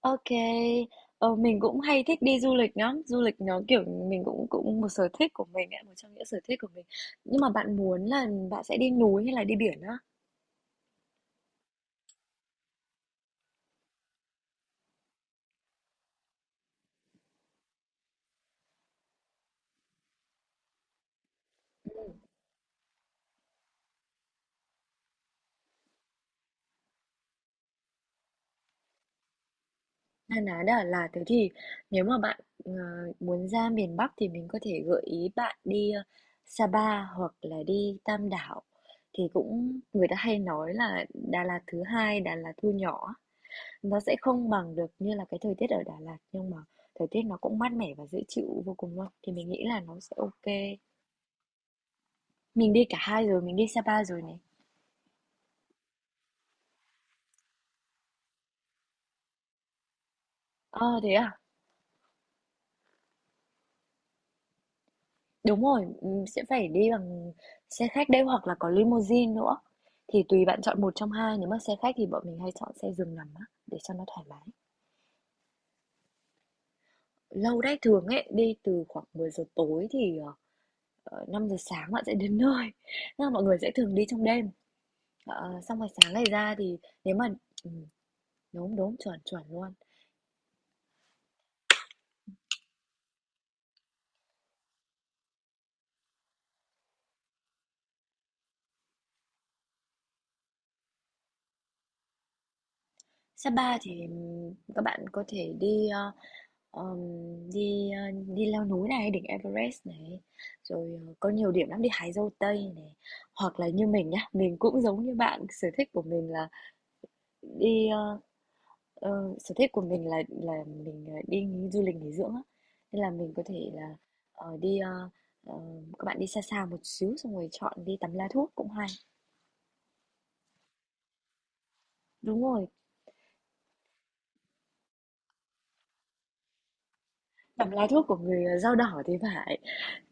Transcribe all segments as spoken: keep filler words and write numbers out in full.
OK, ờ, mình cũng hay thích đi du lịch lắm, du lịch nó, kiểu, mình cũng cũng một sở thích của mình ấy, một trong những sở thích của mình. Nhưng mà bạn muốn là bạn sẽ đi núi hay là đi biển á? Na ná đà là thế thì nếu mà bạn, ờ, muốn ra miền Bắc thì mình có thể gợi ý bạn đi, ơ, Sapa hoặc là đi Tam Đảo. Thì cũng người ta hay nói là Đà Lạt thứ hai, Đà Lạt thu nhỏ. Nó sẽ không bằng được như là cái thời tiết ở Đà Lạt, nhưng mà thời tiết nó cũng mát mẻ và dễ chịu vô cùng luôn, thì mình nghĩ là nó sẽ OK. Mình đi cả hai rồi, mình đi Sapa rồi này. Ờ, thế à? Đúng rồi, ừm, sẽ phải đi bằng xe khách đấy hoặc là có limousine nữa. Thì tùy bạn chọn một trong hai, nếu mà xe khách thì bọn mình hay chọn xe giường nằm á, để cho nó thoải mái. Lâu đấy, thường ấy, đi từ khoảng mười giờ tối thì ờ, năm giờ sáng bạn sẽ đến nơi. Nhưng mà mọi người sẽ thường đi trong đêm. Ờ, xong rồi sáng ngày ra thì nếu mà ừm, đúng, đúng, chuẩn, chuẩn luôn. Sapa thì các bạn có thể đi ờ, ờm, đi ờ, đi leo núi này, đỉnh Everest này, rồi ờ, có nhiều điểm lắm đi hái dâu tây này, hoặc là như mình nhá, mình cũng giống như bạn, sở thích của mình là đi ờ, ờ, sở thích của mình là là mình ờ, đi nghỉ- du lịch nghỉ dưỡng á. Nên là mình có thể là ờ, đi ờ, ờ, các bạn đi xa xa một xíu xong rồi chọn đi tắm lá thuốc cũng hay. Đúng rồi, tắm lá thuốc của người ờ, dao đỏ thì phải.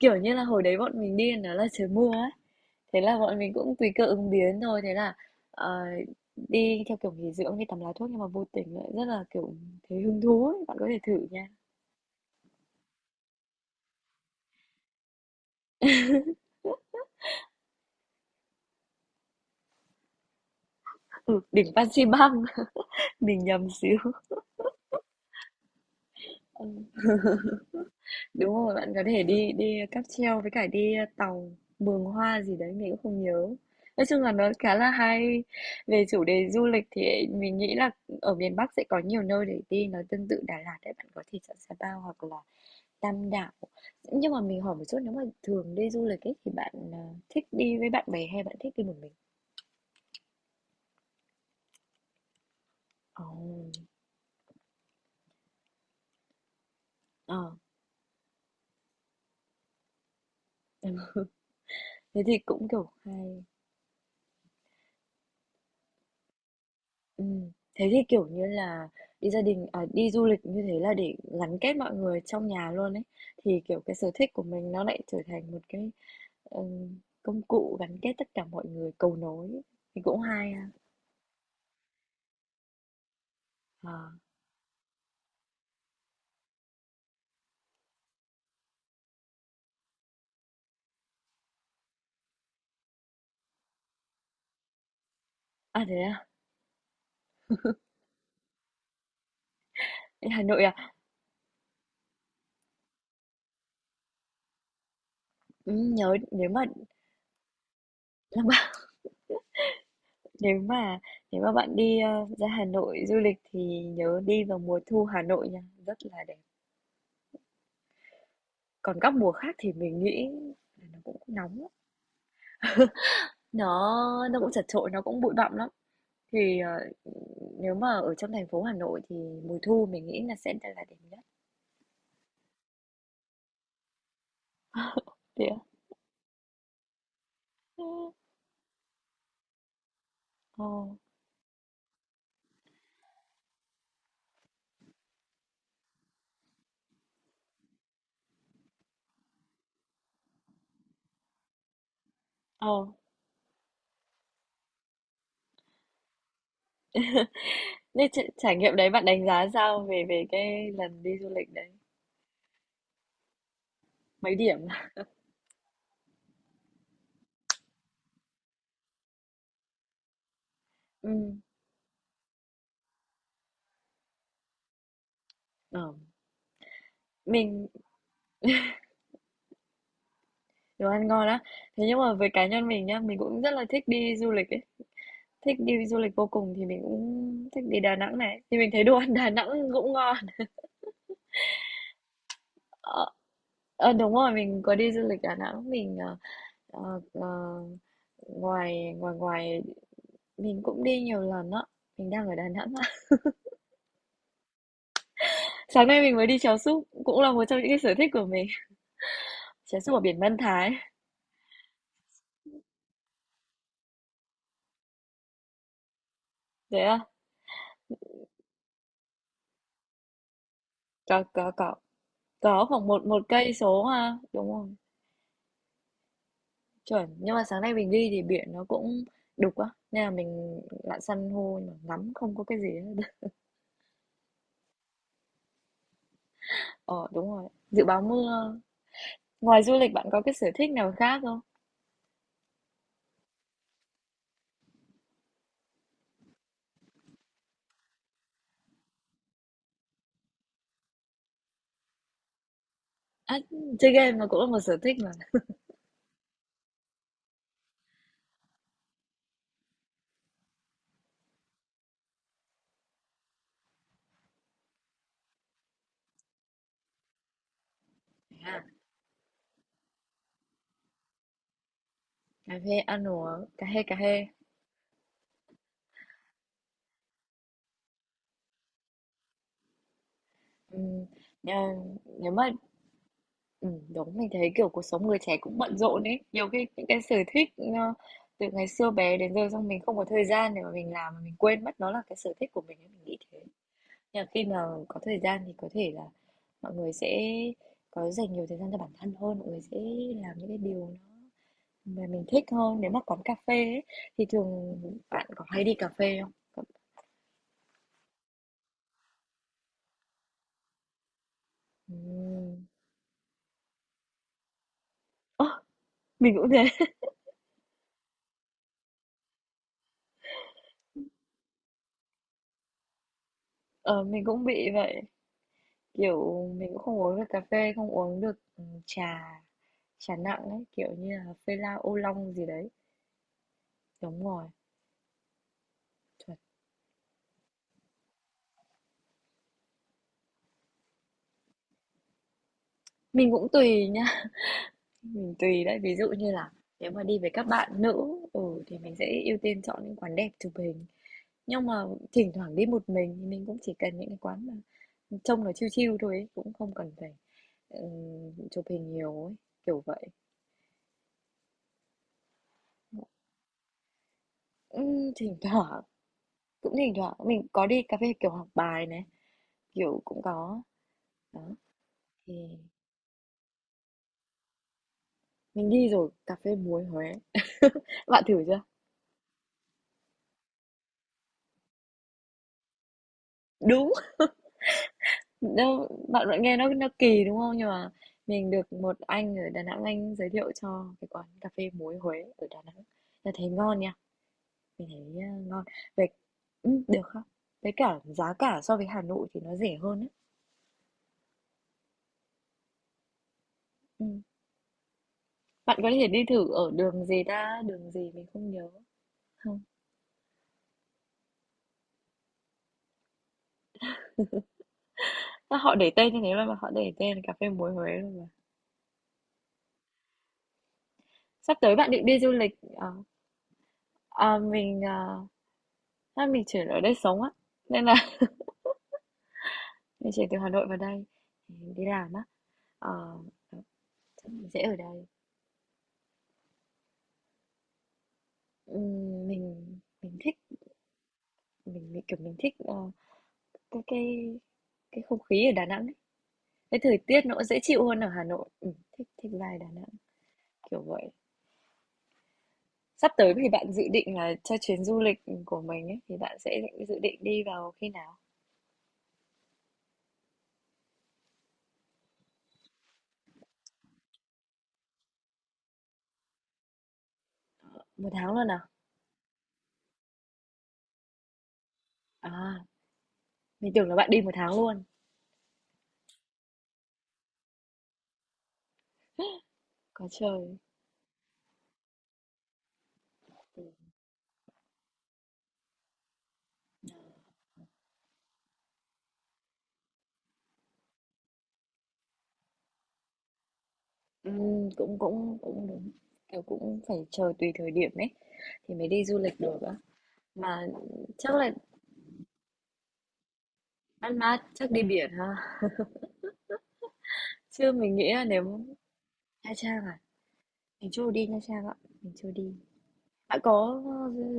Kiểu như là, hồi đấy bọn mình đi nó là trời mưa ấy, thế là bọn mình cũng tùy cơ ứng biến thôi, thế là, ờ, đi theo kiểu nghỉ dưỡng, đi tắm lá thuốc nhưng mà vô tình lại rất là, kiểu, thấy hứng thú ấy, bạn có thể thử nha. Ừ, đỉnh Fansipan, mình nhầm xíu. Ừm, đúng rồi, bạn có thể đi đi cáp treo với cả đi ờ, tàu Mường Hoa gì đấy, mình cũng không nhớ. Nói chung là nó khá là hay. Về chủ đề du lịch thì mình nghĩ là ở miền Bắc sẽ có nhiều nơi để đi, nó tương tự Đà Lạt đấy, bạn có thể chọn Sapa hoặc là Tam Đảo. Nhưng mà mình hỏi một chút, nếu mà thường đi du lịch ấy, thì bạn, ờ, thích đi với bạn bè hay bạn thích đi một mình? Ồ, ờ, ừm, thế thì cũng, kiểu, hay. Ừm, thế thì, kiểu như là, đi gia đình à, đi du lịch như thế là để gắn kết mọi người trong nhà luôn ấy, thì, kiểu, cái sở thích của mình nó lại trở thành một cái, ừm, công cụ gắn kết tất cả mọi người, cầu nối, thì cũng hay ha. Ờ, à, thế à? Ở Hà Nội à? Ừm, nhớ nếu mà Nếu mà nếu mà bạn đi, ơ, ra Hà Nội du lịch thì nhớ đi vào mùa thu Hà Nội nha, rất là đẹp. Còn các mùa khác thì mình nghĩ là nó cũng nóng lắm, nó nó cũng chật chội, nó cũng bụi bặm lắm. Thì, ờ, nếu mà ở trong thành phố Hà Nội thì mùa thu mình nghĩ là sẽ là đẹp nhất. Thế á? Ưm, ờ, ờ. Thế tr trải nghiệm đấy bạn đánh giá sao về về cái lần đi du lịch đấy? Mấy điểm? Ừ, ờ, mình đồ ăn ngon á. Thế nhưng mà với cá nhân mình nhá, mình cũng rất là thích đi du lịch ấy. Thích đi du lịch vô cùng thì mình cũng thích đi Đà Nẵng này, thì mình thấy đồ ăn Đà Nẵng cũng ngon. Ờ, ờ, đúng rồi, mình có đi du lịch Đà Nẵng, mình, ờ, ờ, ờ, ngoài ngoài ngoài mình cũng đi nhiều lần á. Mình đang ở Đà Nẵng á. Sáng nay mình mới đi chèo súp, cũng là một trong những cái sở thích của mình. Chèo súp ở biển Mân Thái. Thế à? Có có có có khoảng một một cây số ha, đúng không? Chuẩn, nhưng mà sáng nay mình đi thì biển nó cũng đục á, nên là mình lặn san hô nhưng mà ngắm không có cái gì hết. Ờ, đúng rồi. Dự báo mưa. Ngoài du lịch bạn có cái sở thích nào khác không? À, chơi game mà cũng là một sở thích mà. À, cà phê ăn uống, cà phê cà phê. Ừm, à, nếu mà ừ, đúng mình thấy kiểu cuộc sống người trẻ cũng bận rộn ấy. Nhiều khi những cái sở thích ờ, từ ngày xưa bé đến giờ xong mình không có thời gian để mà mình làm mà mình quên mất nó là cái sở thích của mình ấy, mình nghĩ thế. Nhưng mà khi mà có thời gian thì có thể là mọi người sẽ có dành nhiều thời gian cho bản thân hơn, mọi người sẽ làm những cái điều nó mà mình thích hơn. Nếu mà quán cà phê ấy, thì thường bạn có hay đi cà phê không? Ừm. Ơ, mình cũng thế. Ờ, mình cũng bị vậy. Kiểu mình cũng không uống được cà phê, không uống được ừ, trà, trà nặng ấy, kiểu như là phê la ô long gì đấy. Đúng rồi. Chuẩn. Mình cũng tùy nhá. Mình tùy đấy. Ví dụ như là nếu mà đi với các bạn nữ, ừ thì mình sẽ ưu tiên chọn những quán đẹp chụp hình. Nhưng mà thỉnh thoảng đi một mình thì mình cũng chỉ cần những cái quán mà trông nó chill chill thôi ấy, cũng không cần phải ừ, chụp hình nhiều ấy, kiểu vậy. Ừm, thỉnh thoảng, cũng thỉnh thoảng mình có đi cà phê kiểu học bài này, kiểu cũng có đó. Thì mình đi rồi cà phê muối Huế, bạn thử chưa? Đúng đâu, bạn vẫn nghe nó nó kỳ đúng không, nhưng mà mình được một anh ở Đà Nẵng, anh giới thiệu cho cái quán cà phê muối Huế ở Đà Nẵng, là thấy ngon nha, mình thấy ờ, ngon về, ừ, được không, với cả giá cả so với Hà Nội thì nó rẻ hơn ấy. Ừ. Bạn có thể đi thử ở đường gì ta? Đường gì mình không nhớ. Hông, sao họ để tên như thế luôn mà họ để tên là cà phê muối Huế luôn mà. Sắp tới bạn định đi du lịch, ờ, ờ, mình, ờ, chắc mình chuyển ở đây sống á, nên là mình chuyển từ Hà Nội vào đây, mình đi làm á, ờ, ờ, chắc mình sẽ ở đây. Ừm, mình mình thích mình mình, kiểu, mình thích, ờ, cái cái cái không khí ở Đà Nẵng ấy, cái thời tiết nó cũng dễ chịu hơn ở Hà Nội, ừm, thích thích vibe Đà Nẵng, kiểu vậy. Sắp tới thì bạn dự định là cho chuyến du lịch của mình ấy, thì bạn sẽ định dự định đi vào khi nào? Một tháng luôn à? À, mình tưởng là bạn đi một tháng luôn. Có trời. Ừm, cũng cũng cũng đúng, kiểu, cũng phải chờ tùy thời điểm ấy, thì mới đi du lịch được á. Mà chắc là Mát Mát chắc đi biển ha? Chứ mình nghĩ là nếu Nha Trang à? Mình chưa đi Nha Trang ạ, mình chưa đi. Bạn có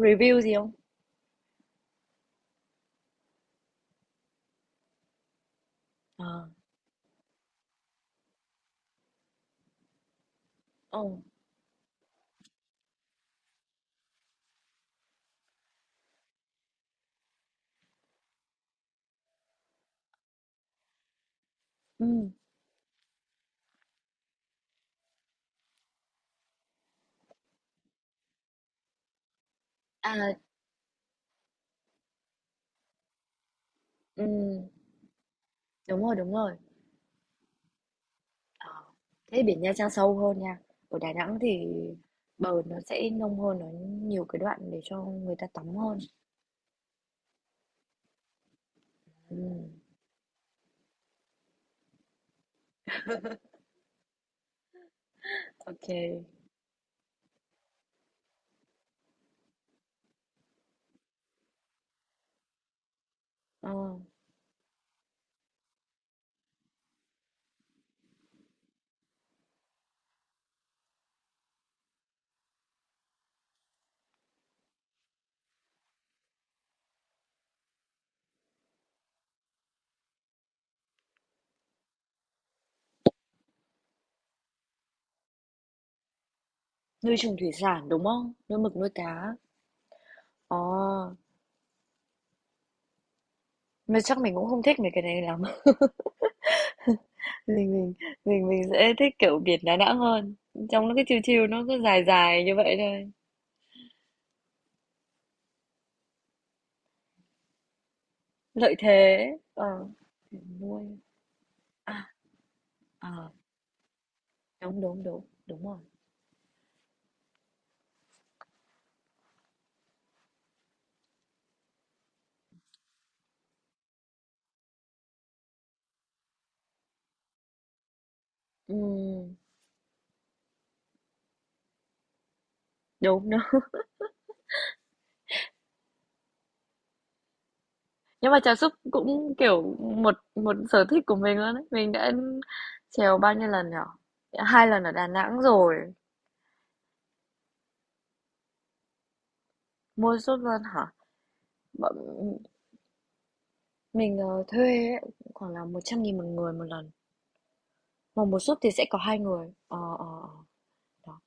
review gì không? Ờ, ờ, ừm, à, ừm, đúng rồi, đúng rồi. Ờ, thế biển Nha Trang sâu hơn nha. Ở Đà Nẵng thì bờ nó sẽ nông hơn, nó nhiều cái đoạn để cho người ta tắm hơn. Ừ, ok. Ờ, nuôi trồng thủy sản đúng không? Nuôi mực nuôi cá. Ờ, mà chắc mình cũng không thích mấy cái này lắm. Mình mình mình mình sẽ thích kiểu biển Đà Nẵng hơn. Trong nó cái chiều chiều nó cứ dài dài như vậy thôi. Lợi thế. Ờ, nuôi. À, à, đúng đúng đúng đúng rồi. Ừ, đúng đúng. Nhưng mà chèo súp cũng kiểu một một sở thích của mình luôn ấy, mình đã chèo bao nhiêu lần nhở? Hai lần ở Đà Nẵng rồi. Mua súp luôn hả? Bọn, mình ờ, thuê ấy, khoảng là một trăm nghìn một người một lần, mà một súp thì sẽ có hai người ờ ờ ờ, đó.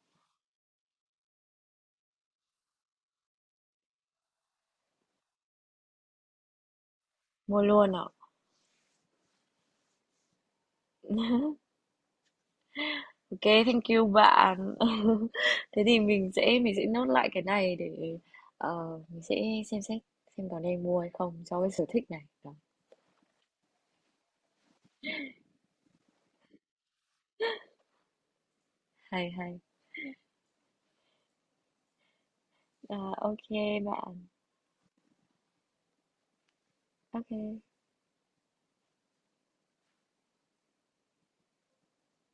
Mua luôn ạ. Ok, thank you bạn. Thế thì mình sẽ mình sẽ nốt lại cái này để ờ, mình sẽ xem xét xem có nên mua hay không cho cái sở thích này đó. Hay hay. Ờ, ok bạn. Ok.